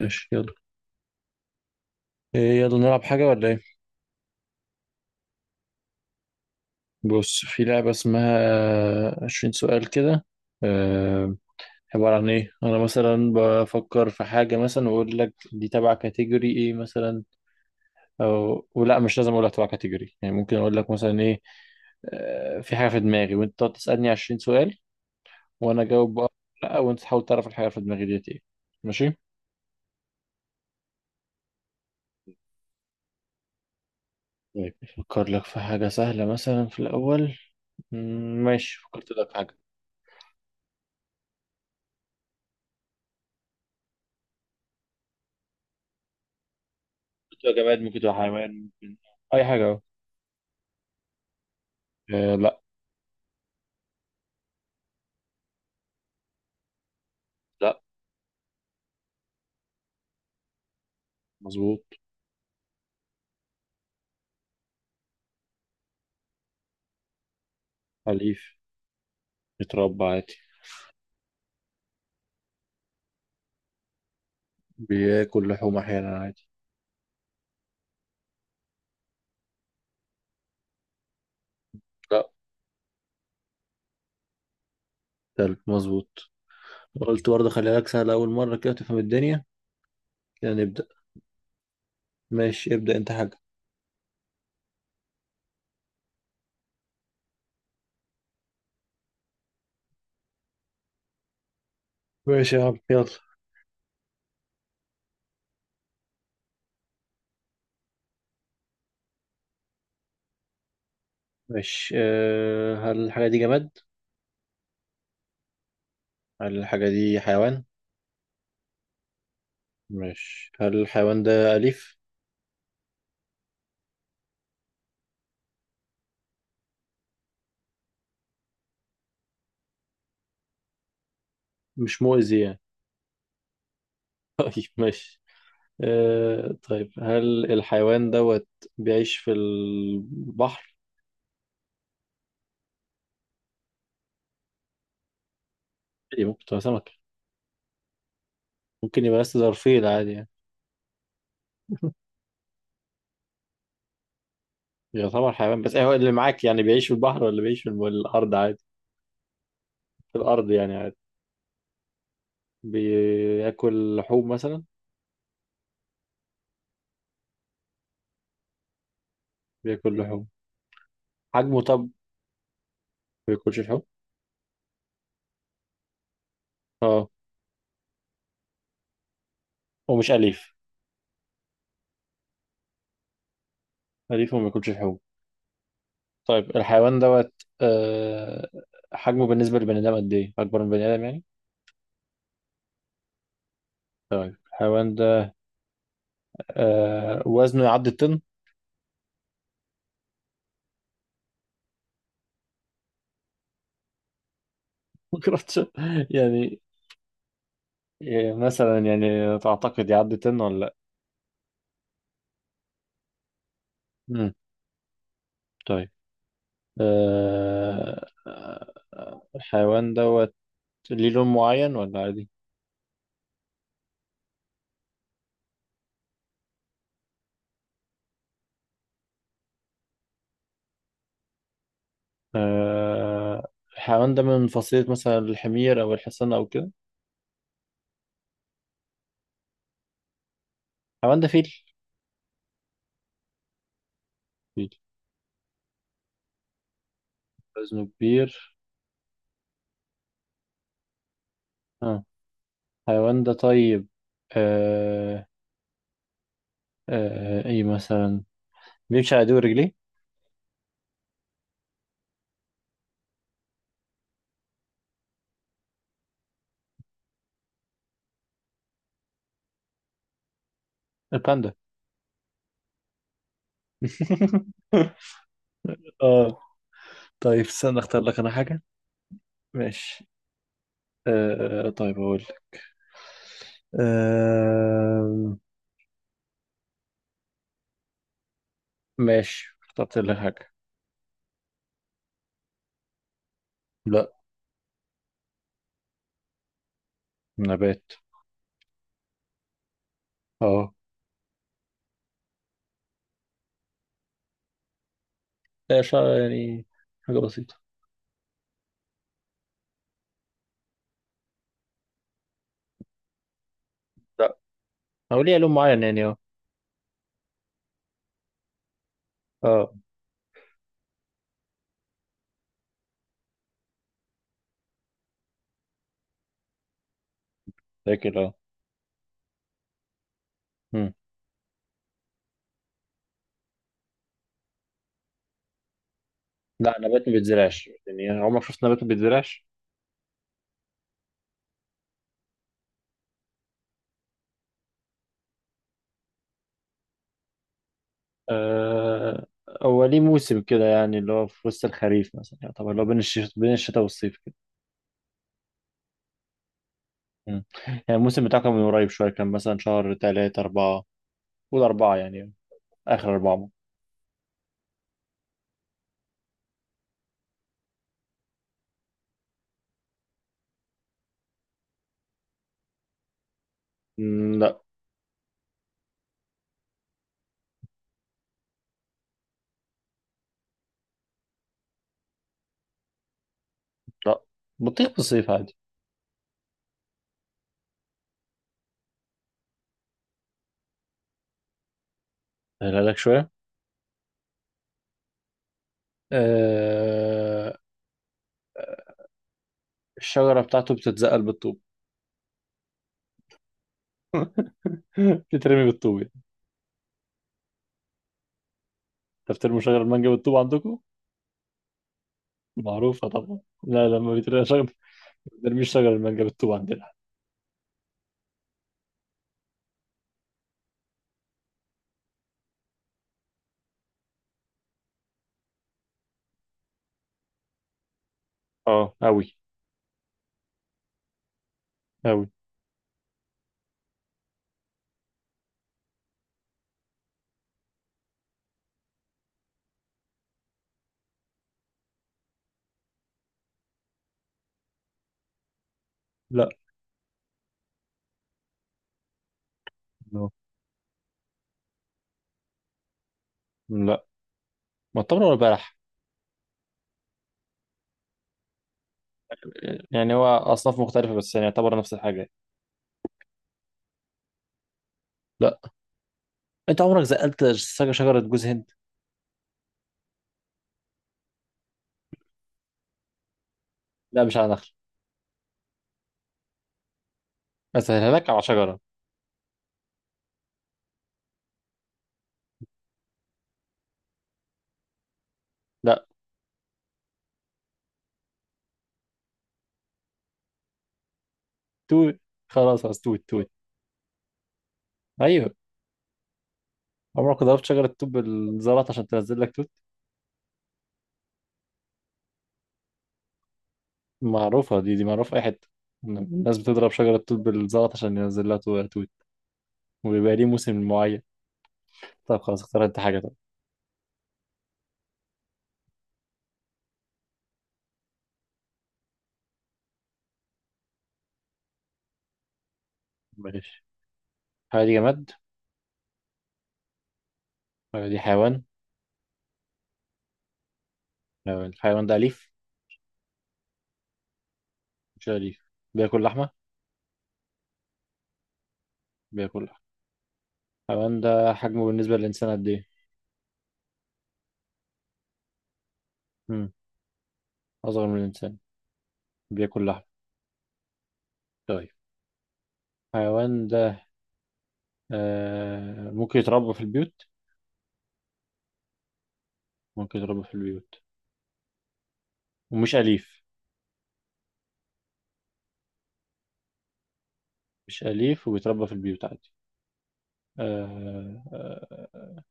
ماشي يلا. إيه يلا نلعب حاجة ولا ايه؟ بص، في لعبة اسمها، 20 سؤال كده. آه، عبارة عن ايه؟ أنا مثلا بفكر في حاجة مثلا وأقول لك دي تبع كاتيجوري ايه مثلا، أو ولا مش لازم أقول لك تبع كاتيجوري، يعني ممكن أقول لك مثلا ايه. في حاجة في دماغي وأنت تقعد تسألني 20 سؤال وأنا أجاوب بأه. لأ وأنت تحاول تعرف الحاجة في دماغي ديت ايه. ماشي؟ طيب أفكر لك في حاجة سهلة مثلا في الأول. ماشي، فكرت لك في حاجة. ممكن تبقى جماد، ممكن تبقى حيوان، ممكن اي حاجه اهو. آه لا. لا، مظبوط. أليف، بيتربى عادي. بياكل لحوم احيانا عادي. لا. كلب، مظبوط. قلت برضه خليها لك سهله اول مره كده تفهم الدنيا. كده نبدا. ماشي، ابدا انت حاجه. ماشي يا عم يلا. ماشي. هل الحاجه دي جماد؟ هل الحاجه دي حيوان؟ ماشي، هل الحيوان ده اليف؟ مش مؤذي يعني؟ طيب ماشي. أه طيب هل الحيوان دوت بيعيش في البحر؟ عادي، ممكن تبقى سمكة، ممكن يبقى بس ظرفية عادي يعني. يعتبر حيوان بس هو اللي معاك، يعني بيعيش في البحر ولا بيعيش في الأرض عادي. في الأرض يعني عادي. بياكل لحوم مثلا. بياكل لحوم. حجمه طب ما بياكلش لحوم. اه. ومش أليف؟ أليف وما بياكلش لحوم. طيب الحيوان دوت. آه حجمه بالنسبة للبني آدم قد إيه؟ أكبر من بني آدم يعني؟ طيب الحيوان ده، وزنه يعدي الطن؟ ما أعرفش. يعني، يعني مثلا، يعني تعتقد يعدي طن ولا لأ؟ مم. طيب، الحيوان دوت ليه لون معين ولا عادي؟ آه، الحيوان ده من فصيلة مثلا الحمير أو الحصان أو كده؟ الحيوان ده فيل. فيل، وزنه كبير. آه. الحيوان ده طيب. آه. آه. إيه مثلا بيمشي على دور رجليه. الباندا. اه. طيب استنى اختار لك انا حاجة. ماشي. اقول لك. آه. ماشي، اخترت لك حاجة. لا. نبات. اه. لا شا... يعني حاجة بسيطة. لا. أو ليه لون معين، يعني اه. اه. فاكر، اه. مم. لا، نبات ما بيتزرعش؟ يعني عمرك شفت نبات ما بيتزرعش؟ آه... هو ليه موسم كده، يعني اللي هو في وسط الخريف مثلا، يعني طبعا اللي هو بين الشتاء، بين الشتاء والصيف كده. مم. يعني الموسم بتاعه كان من قريب شوية، كان مثلا شهر 3 4. قول 4 يعني. آخر 4. لا. لا، بطيخ في الصيف عادي. سهلها لك شوية. آه... الشجرة بتاعته بتتزقل بالطوب. بتترمي بالطوب. تفترموا شجر المانجا بالطوب عندكم؟ معروفة طبعا، لا لما بيترمي شجر. ما بنرميش شجر المانجا بالطوب عندنا. اه أوي. أوي. لا. No. لا، معتبر ولا بلح. يعني هو أصناف مختلفة بس يعني يعتبر نفس الحاجة. لا. أنت عمرك زقلت شجرة جوز هند؟ لا مش على نخل. أسهلها لك على شجرة. لا. توت. خلاص خلاص، توت توت. أيوه. عمرك ضربت شجرة توت بالزلط عشان تنزل لك توت؟ معروفة دي، دي معروفة في أي حتة. الناس بتضرب شجرة توت بالزلط عشان ينزل لها توت. وبيبقى ليه موسم معين. طب خلاص، اختار انت حاجة طب. ماشي. الحاجة دي جماد؟ الحاجة دي حيوان؟ لو الحيوان ده أليف؟ مش أليف. بياكل لحمة؟ بياكل لحمة. الحيوان ده حجمه بالنسبة للإنسان قد إيه؟ مم. أصغر من الإنسان. بياكل لحمة. طيب الحيوان ده ممكن يتربى في البيوت؟ ممكن يتربى في البيوت ومش أليف؟ مش أليف وبيتربى في البيوت عادي. آه آه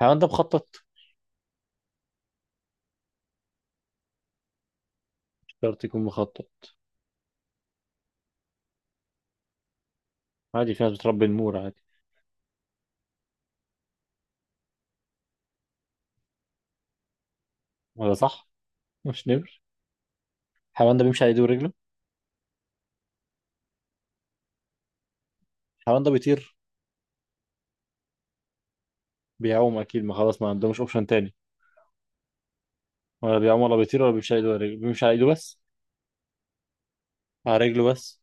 الحيوان ده مخطط؟ مش شرط يكون مخطط. عادي، في ناس بتربي النمور عادي. ولا صح؟ مش نمر. الحيوان ده بيمشي على إيده ورجله. الحيوان ده بيطير. بيعوم اكيد، ما خلاص ما عندهمش اوبشن تاني. ولا بيعوم ولا بيطير ولا بيمشي على ايده ولا رجله، بيمشي على ايده بس؟ على رجله بس؟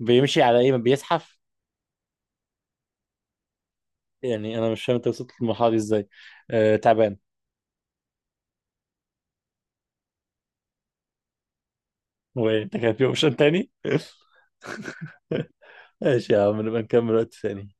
بيمشي على ايه، ما بيزحف؟ يعني انا مش فاهم انت وصلت للمرحله دي ازاي. تعبان. وانت كان في اوبشن تاني. ماشي يا عم، نبقى نكمل وقت ثاني.